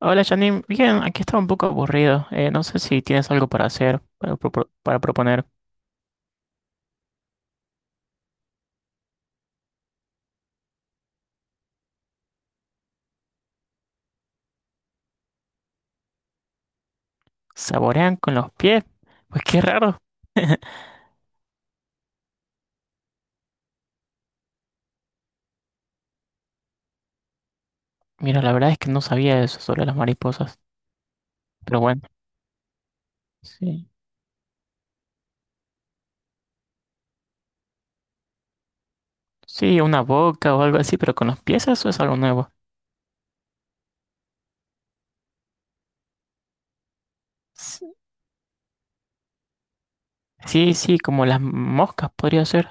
Hola Janine, bien, aquí estaba un poco aburrido. No sé si tienes algo para hacer, para proponer. ¿Saborean con los pies? Pues qué raro. Mira, la verdad es que no sabía eso sobre las mariposas. Pero bueno, sí. Sí, una boca o algo así, pero con los pies eso es algo nuevo. S- Sí, sí, como las moscas podría ser.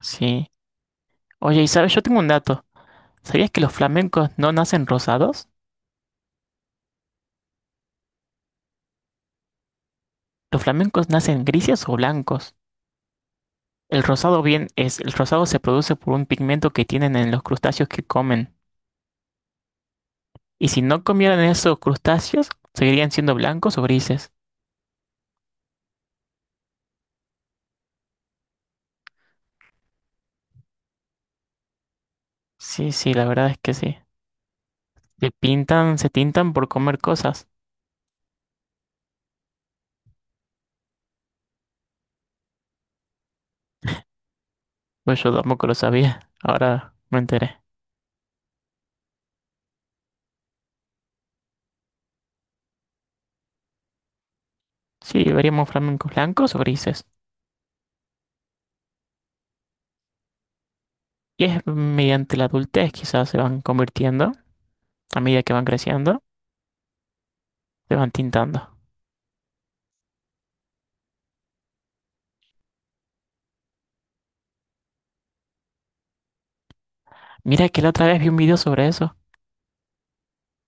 Sí. Oye, y sabes, yo tengo un dato. ¿Sabías que los flamencos no nacen rosados? Los flamencos nacen grises o blancos. El rosado bien es, el rosado se produce por un pigmento que tienen en los crustáceos que comen. Y si no comieran esos crustáceos, seguirían siendo blancos o grises. Sí, sí, la verdad es que sí. Se pintan, se tintan por comer cosas. Pues yo tampoco lo sabía. Ahora me enteré. Sí, veríamos flamencos blancos o grises. Y es mediante la adultez quizás se van convirtiendo, a medida que van creciendo, se van tintando. Mira que la otra vez vi un video sobre eso.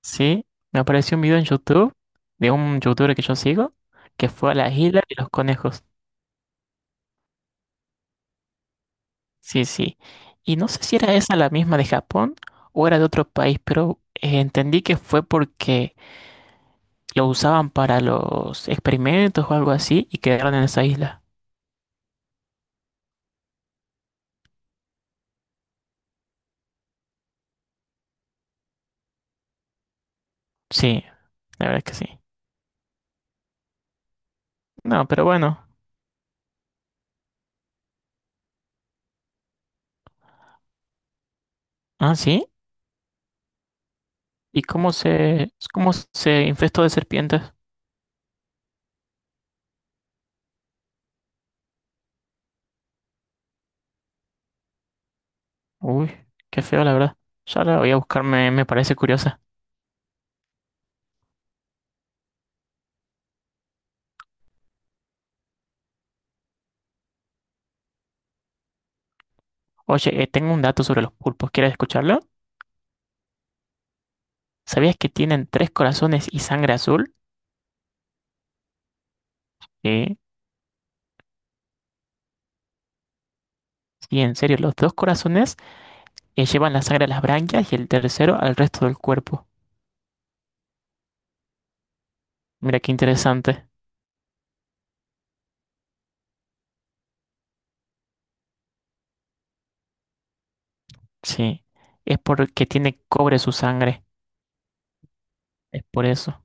Sí, me apareció un video en YouTube de un youtuber que yo sigo que fue a la isla de los conejos. Sí, sí. Y no sé si era esa la misma de Japón o era de otro país, pero entendí que fue porque lo usaban para los experimentos o algo así y quedaron en esa isla. Sí, la verdad es que sí. No, pero bueno. Ah, sí. ¿Y cómo se infestó de serpientes? Uy, qué feo, la verdad. Ya la voy a buscarme, me parece curiosa. Oye, tengo un dato sobre los pulpos. ¿Quieres escucharlo? ¿Sabías que tienen tres corazones y sangre azul? Sí, sí, en serio, los dos corazones llevan la sangre a las branquias y el tercero al resto del cuerpo. Mira qué interesante. Sí, es porque tiene cobre su sangre. Es por eso.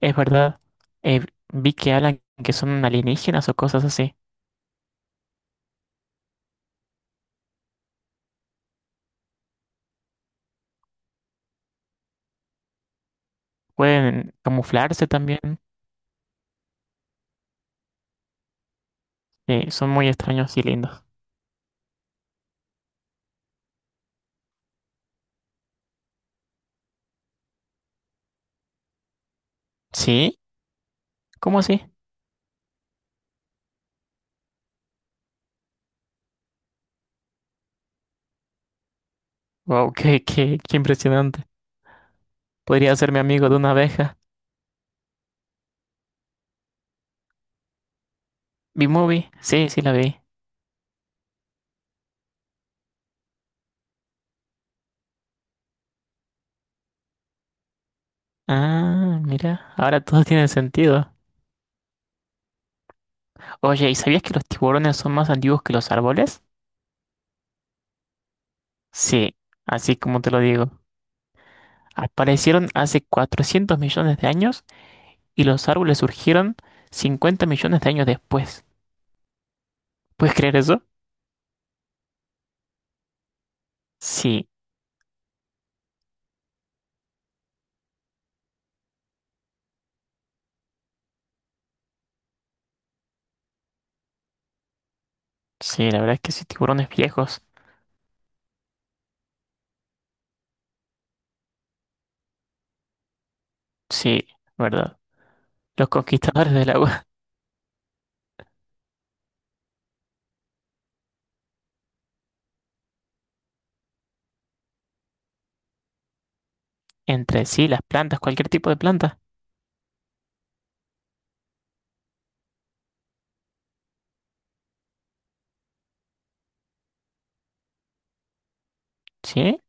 Es verdad. Eh, Vi que hablan que son alienígenas o cosas así. Pueden camuflarse también. Sí, son muy extraños y lindos. ¿Sí? ¿Cómo así? Wow, qué impresionante. Podría ser mi amigo de una abeja. ¿Vi movie? Sí, sí la vi. Ah, mira, ahora todo tiene sentido. Oye, ¿y sabías que los tiburones son más antiguos que los árboles? Sí, así como te lo digo. Aparecieron hace 400 millones de años y los árboles surgieron 50 millones de años después. ¿Puedes creer eso? Sí, sí, la verdad es que sí, tiburones viejos. Sí, ¿verdad? Los conquistadores del agua. Entre sí, las plantas, cualquier tipo de planta. ¿Sí?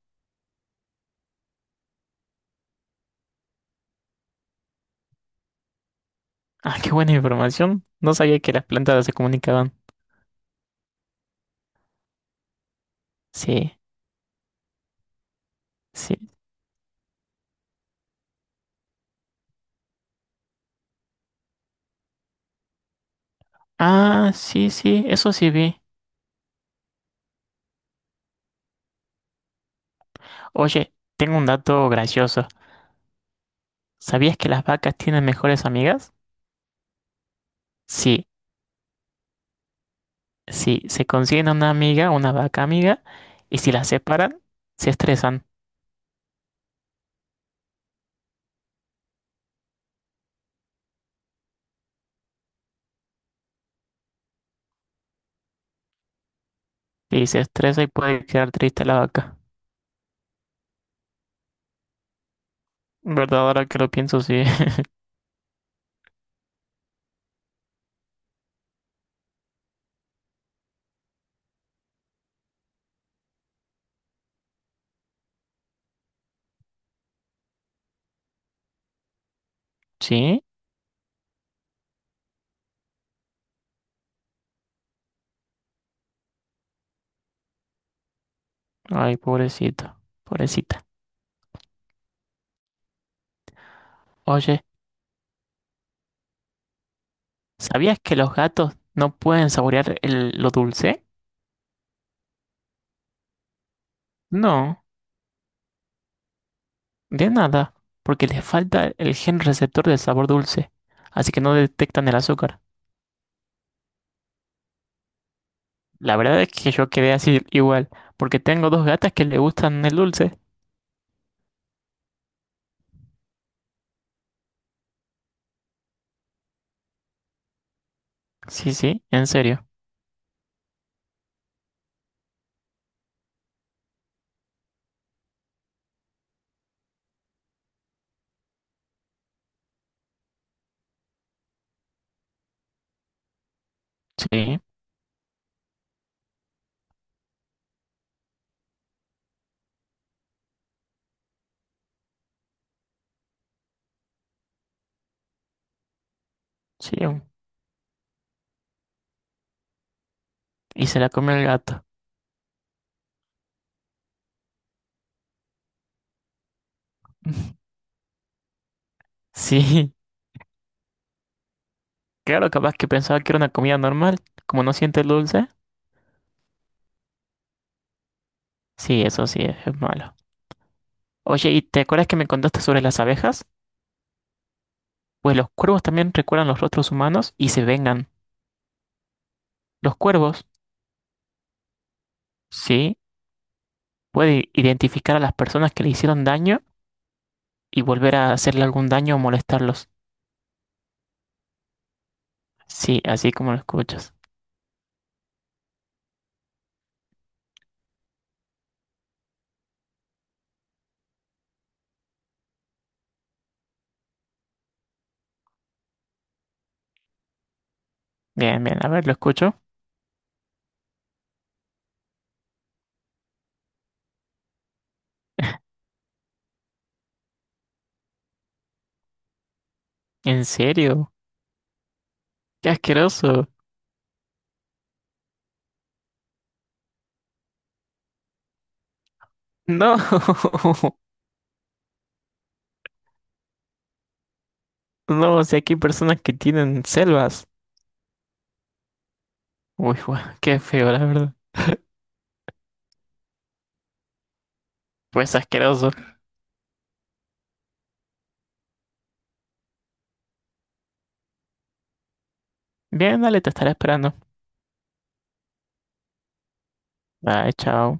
Ah, qué buena información. No sabía que las plantas se comunicaban. Sí, sí. Ah, sí, sí, eso sí vi. Oye, tengo un dato gracioso. ¿Sabías que las vacas tienen mejores amigas? Sí, sí, se consiguen una amiga, una vaca amiga, y si las separan, se estresan. Y se estresa y puede quedar triste la vaca. ¿Verdad? Ahora que lo pienso, sí. Sí, ay, pobrecito, pobrecita. Oye, ¿sabías que los gatos no pueden saborear lo dulce? No. De nada, porque les falta el gen receptor del sabor dulce, así que no detectan el azúcar. La verdad es que yo quedé así igual, porque tengo dos gatas que le gustan el dulce. Sí, sí, en serio. Sí, sí, y se la comió el gato. Sí, claro, capaz que pensaba que era una comida normal, como no siente el dulce. Sí, eso sí, es malo. Oye, ¿y te acuerdas que me contaste sobre las abejas? Pues los cuervos también recuerdan los rostros humanos y se vengan. Los cuervos, sí, puede identificar a las personas que le hicieron daño y volver a hacerle algún daño o molestarlos. Sí, así como lo escuchas. Bien, bien, a ver, lo escucho. ¿En serio? ¡Qué asqueroso! No, no, o sea, aquí hay personas que tienen selvas. Uy, guau, qué feo, la verdad. Pues asqueroso. Bien, dale, te estaré esperando. Bye, chao.